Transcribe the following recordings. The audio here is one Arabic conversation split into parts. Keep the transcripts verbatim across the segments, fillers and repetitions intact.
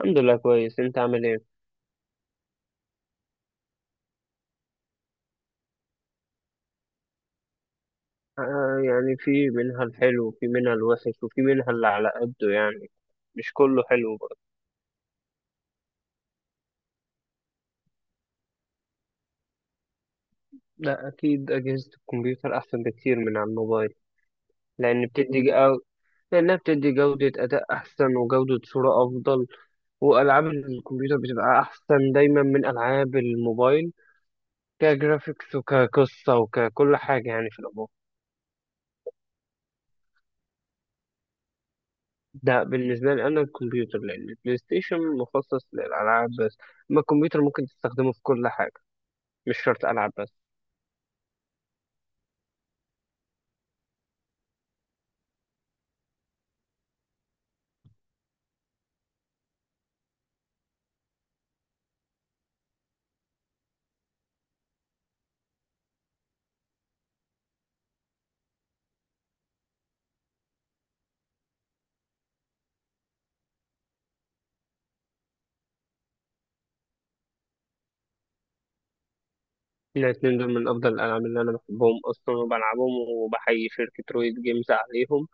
الحمد لله، كويس. انت عامل ايه؟ آه، يعني في منها الحلو وفي منها الوحش وفي منها اللي على قده، يعني مش كله حلو برضه. لا، اكيد اجهزة الكمبيوتر احسن بكتير من على الموبايل. لان بتدي جو... لانها بتدي جودة اداء احسن وجودة صورة افضل. والعاب الكمبيوتر بتبقى احسن دايما من العاب الموبايل، كجرافيكس وكقصة وككل حاجة يعني في العموم. ده بالنسبة لي أنا الكمبيوتر، لأن البلاي ستيشن مخصص للألعاب بس. أما الكمبيوتر ممكن تستخدمه في كل حاجة، مش شرط ألعب بس. الاتنين دول من أفضل الألعاب اللي أنا بحبهم أصلا وبلعبهم، وبحيي شركة رويد جيمز عليهم.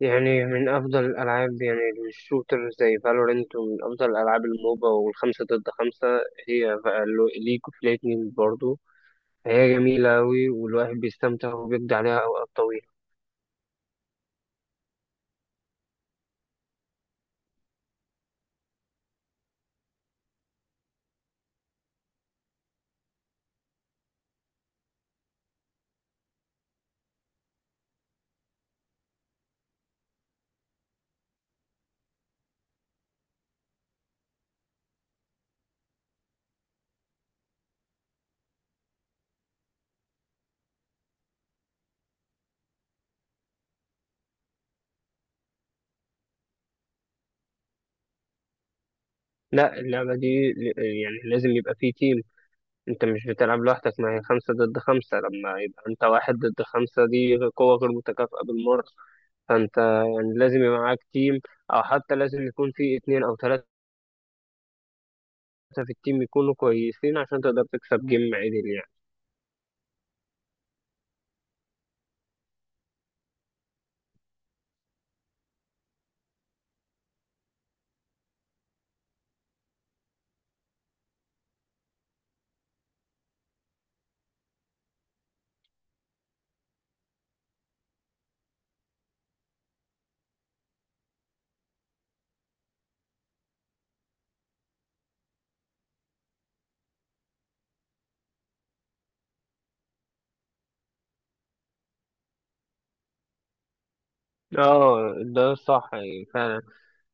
يعني من أفضل الألعاب، يعني الشوتر زي فالورنت، ومن أفضل الألعاب الموبا والخمسة ضد خمسة هي ليج اوف ليجندز برضه. هي جميلة أوي والواحد بيستمتع وبيقضي عليها أوقات طويلة. لا، اللعبة دي ل- يعني لازم يبقى فيه تيم. انت مش بتلعب لوحدك، ما هي خمسة ضد خمسة. لما يبقى انت واحد ضد خمسة دي قوة غير متكافئة بالمرة، فانت يعني لازم يبقى معاك تيم، او حتى لازم يكون في اتنين او تلاتة في التيم يكونوا كويسين عشان تقدر تكسب جيم عدل يعني. اه، ده صح يعني فعلا.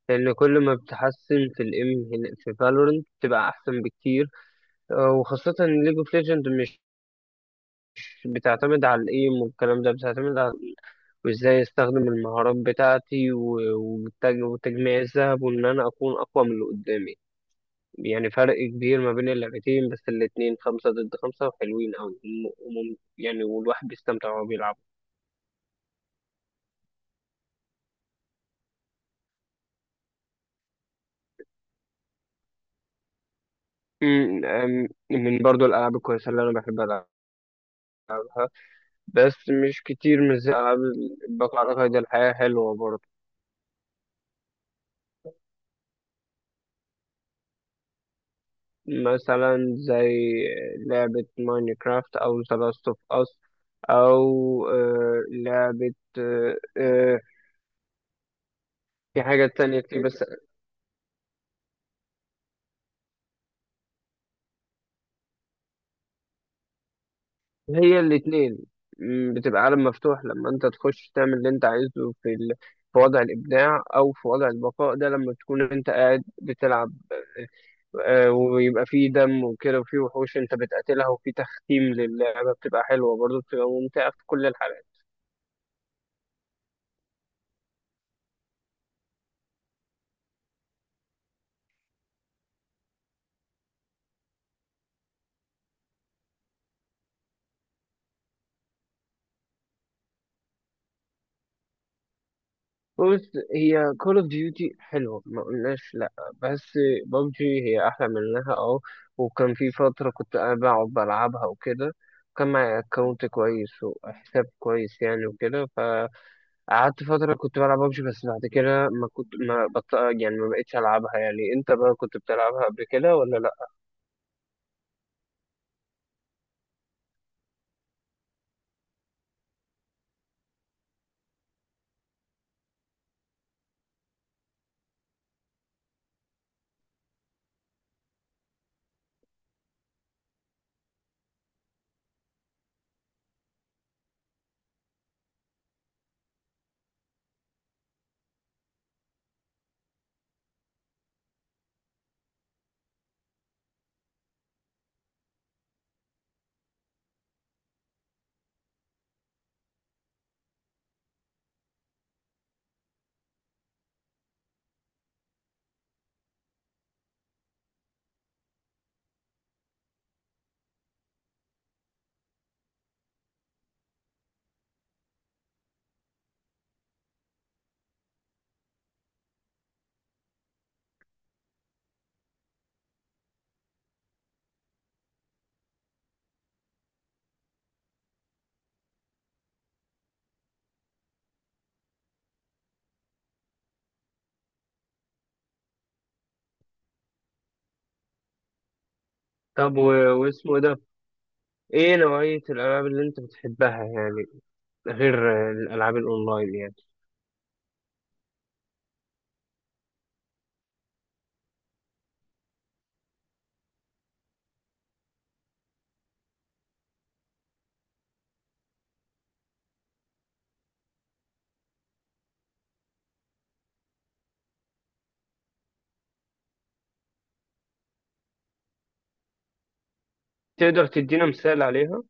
لان كل ما بتحسن في الام في فالورنت بتبقى احسن بكتير. آه، وخاصة ان ليج اوف ليجند مش بتعتمد على الايم والكلام ده، بتعتمد على وازاي استخدم المهارات بتاعتي و- والتج- وتجميع الذهب وان انا اكون اقوى من اللي قدامي. يعني فرق كبير ما بين اللعبتين، بس الاتنين خمسة ضد خمسة وحلوين أوي وم- ومم- يعني والواحد بيستمتع وهو بيلعب. أمم، أم- من برضو الألعاب الكويسة اللي أنا بحب ألعبها. بس مش كتير، مش زي الألعاب اللي بقى قيد الحياة حلوة برضو. مثلا زي لعبة ماينكرافت أو ذا لاست أوف أس، أو آه، لعبة آه، آه، في حاجة تانية كتير، بس هي الاتنين م، بتبقى عالم مفتوح لما انت تخش تعمل اللي انت عايزه في ال... في وضع الابداع او في وضع البقاء ده. لما تكون انت قاعد بتلعب آه، ويبقى فيه دم وكده، وفيه وحوش انت بتقاتلها، وفيه تختيم للعبه، بتبقى حلوه برضه، بتبقى ممتعه في كل الحالات. بص، هي كول اوف ديوتي حلوه ما قلناش لا، بس بابجي هي احلى منها اه. وكان في فتره كنت انا بقعد بلعبها وكده. كان معايا اكونت كويس وحساب كويس يعني وكده. فقعدت فتره كنت بلعب بابجي، بس بعد كده ما كنت ما بط... يعني ما بقتش العبها. يعني انت بقى كنت بتلعبها قبل كده ولا لا؟ طب و... واسمه ده، ايه نوعيه الالعاب اللي انت بتحبها يعني غير الالعاب الاونلاين يعني؟ تقدر تدينا مثال عليها؟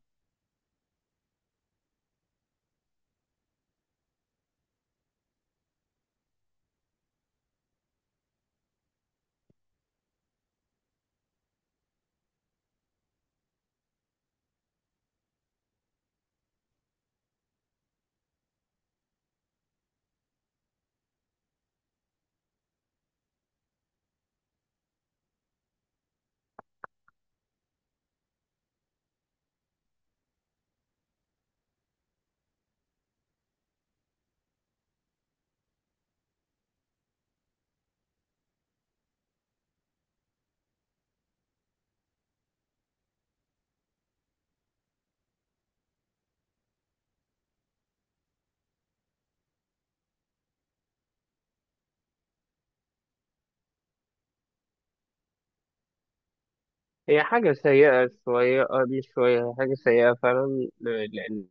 هي حاجة سيئة شوية، آه، مش شوية، هي حاجة سيئة فعلا لأن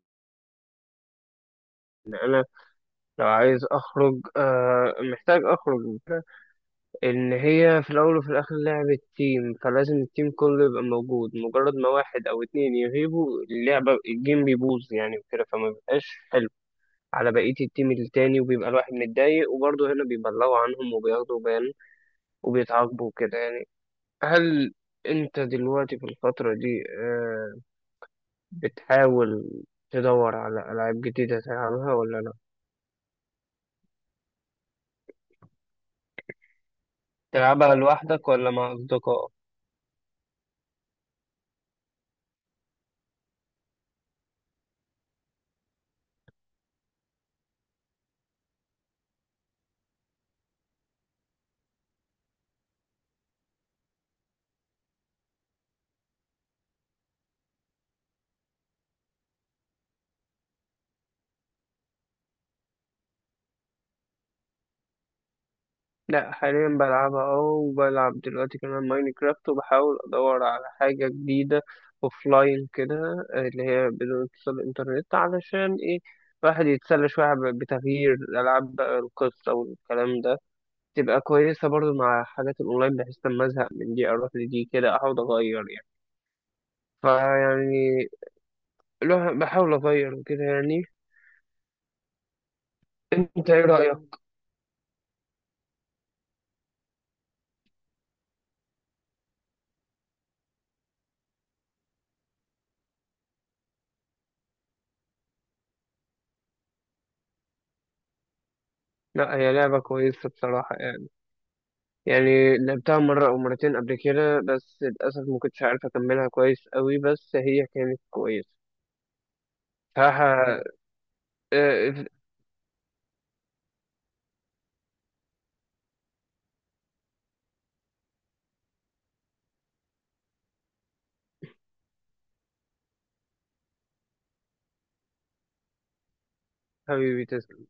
لو عايز أخرج آه محتاج أخرج. إن هي في الأول وفي الآخر لعبة تيم، فلازم التيم كله يبقى موجود. مجرد ما واحد أو اتنين يغيبوا، اللعبة الجيم بيبوظ يعني وكده، فما بيبقاش حلو على بقية التيم التاني، وبيبقى الواحد متضايق. وبرضه هنا بيبلغوا عنهم وبياخدوا بان وبيتعاقبوا كده يعني. هل أنت دلوقتي في الفترة دي آه، بتحاول تدور على ألعاب جديدة تلعبها ولا لأ؟ تلعبها لوحدك ولا مع أصدقائك؟ لأ، حاليا بلعبها اه، وبلعب دلوقتي كمان ماينكرافت، وبحاول أدور على حاجة جديدة أوفلاين كده، آه، اللي هي بدون اتصال إنترنت، علشان إيه الواحد يتسلى شوية ب- بتغيير الألعاب بقى. القصة والكلام ده تبقى كويسة برضو مع حاجات الأونلاين، بحيث لما أزهق من دي أروح لدي كده أحاول أغير يعني. فيعني الواحد بحاول أغير وكده يعني. أنت إيه رأيك؟ لا، هي لعبة كويسة بصراحة يعني. يعني لعبتها مرة أو مرتين قبل كده، بس للأسف ما كنتش عارف أكملها كويس قوي، بس هي كانت كويسة بصراحة. آه، حبيبي تسلم.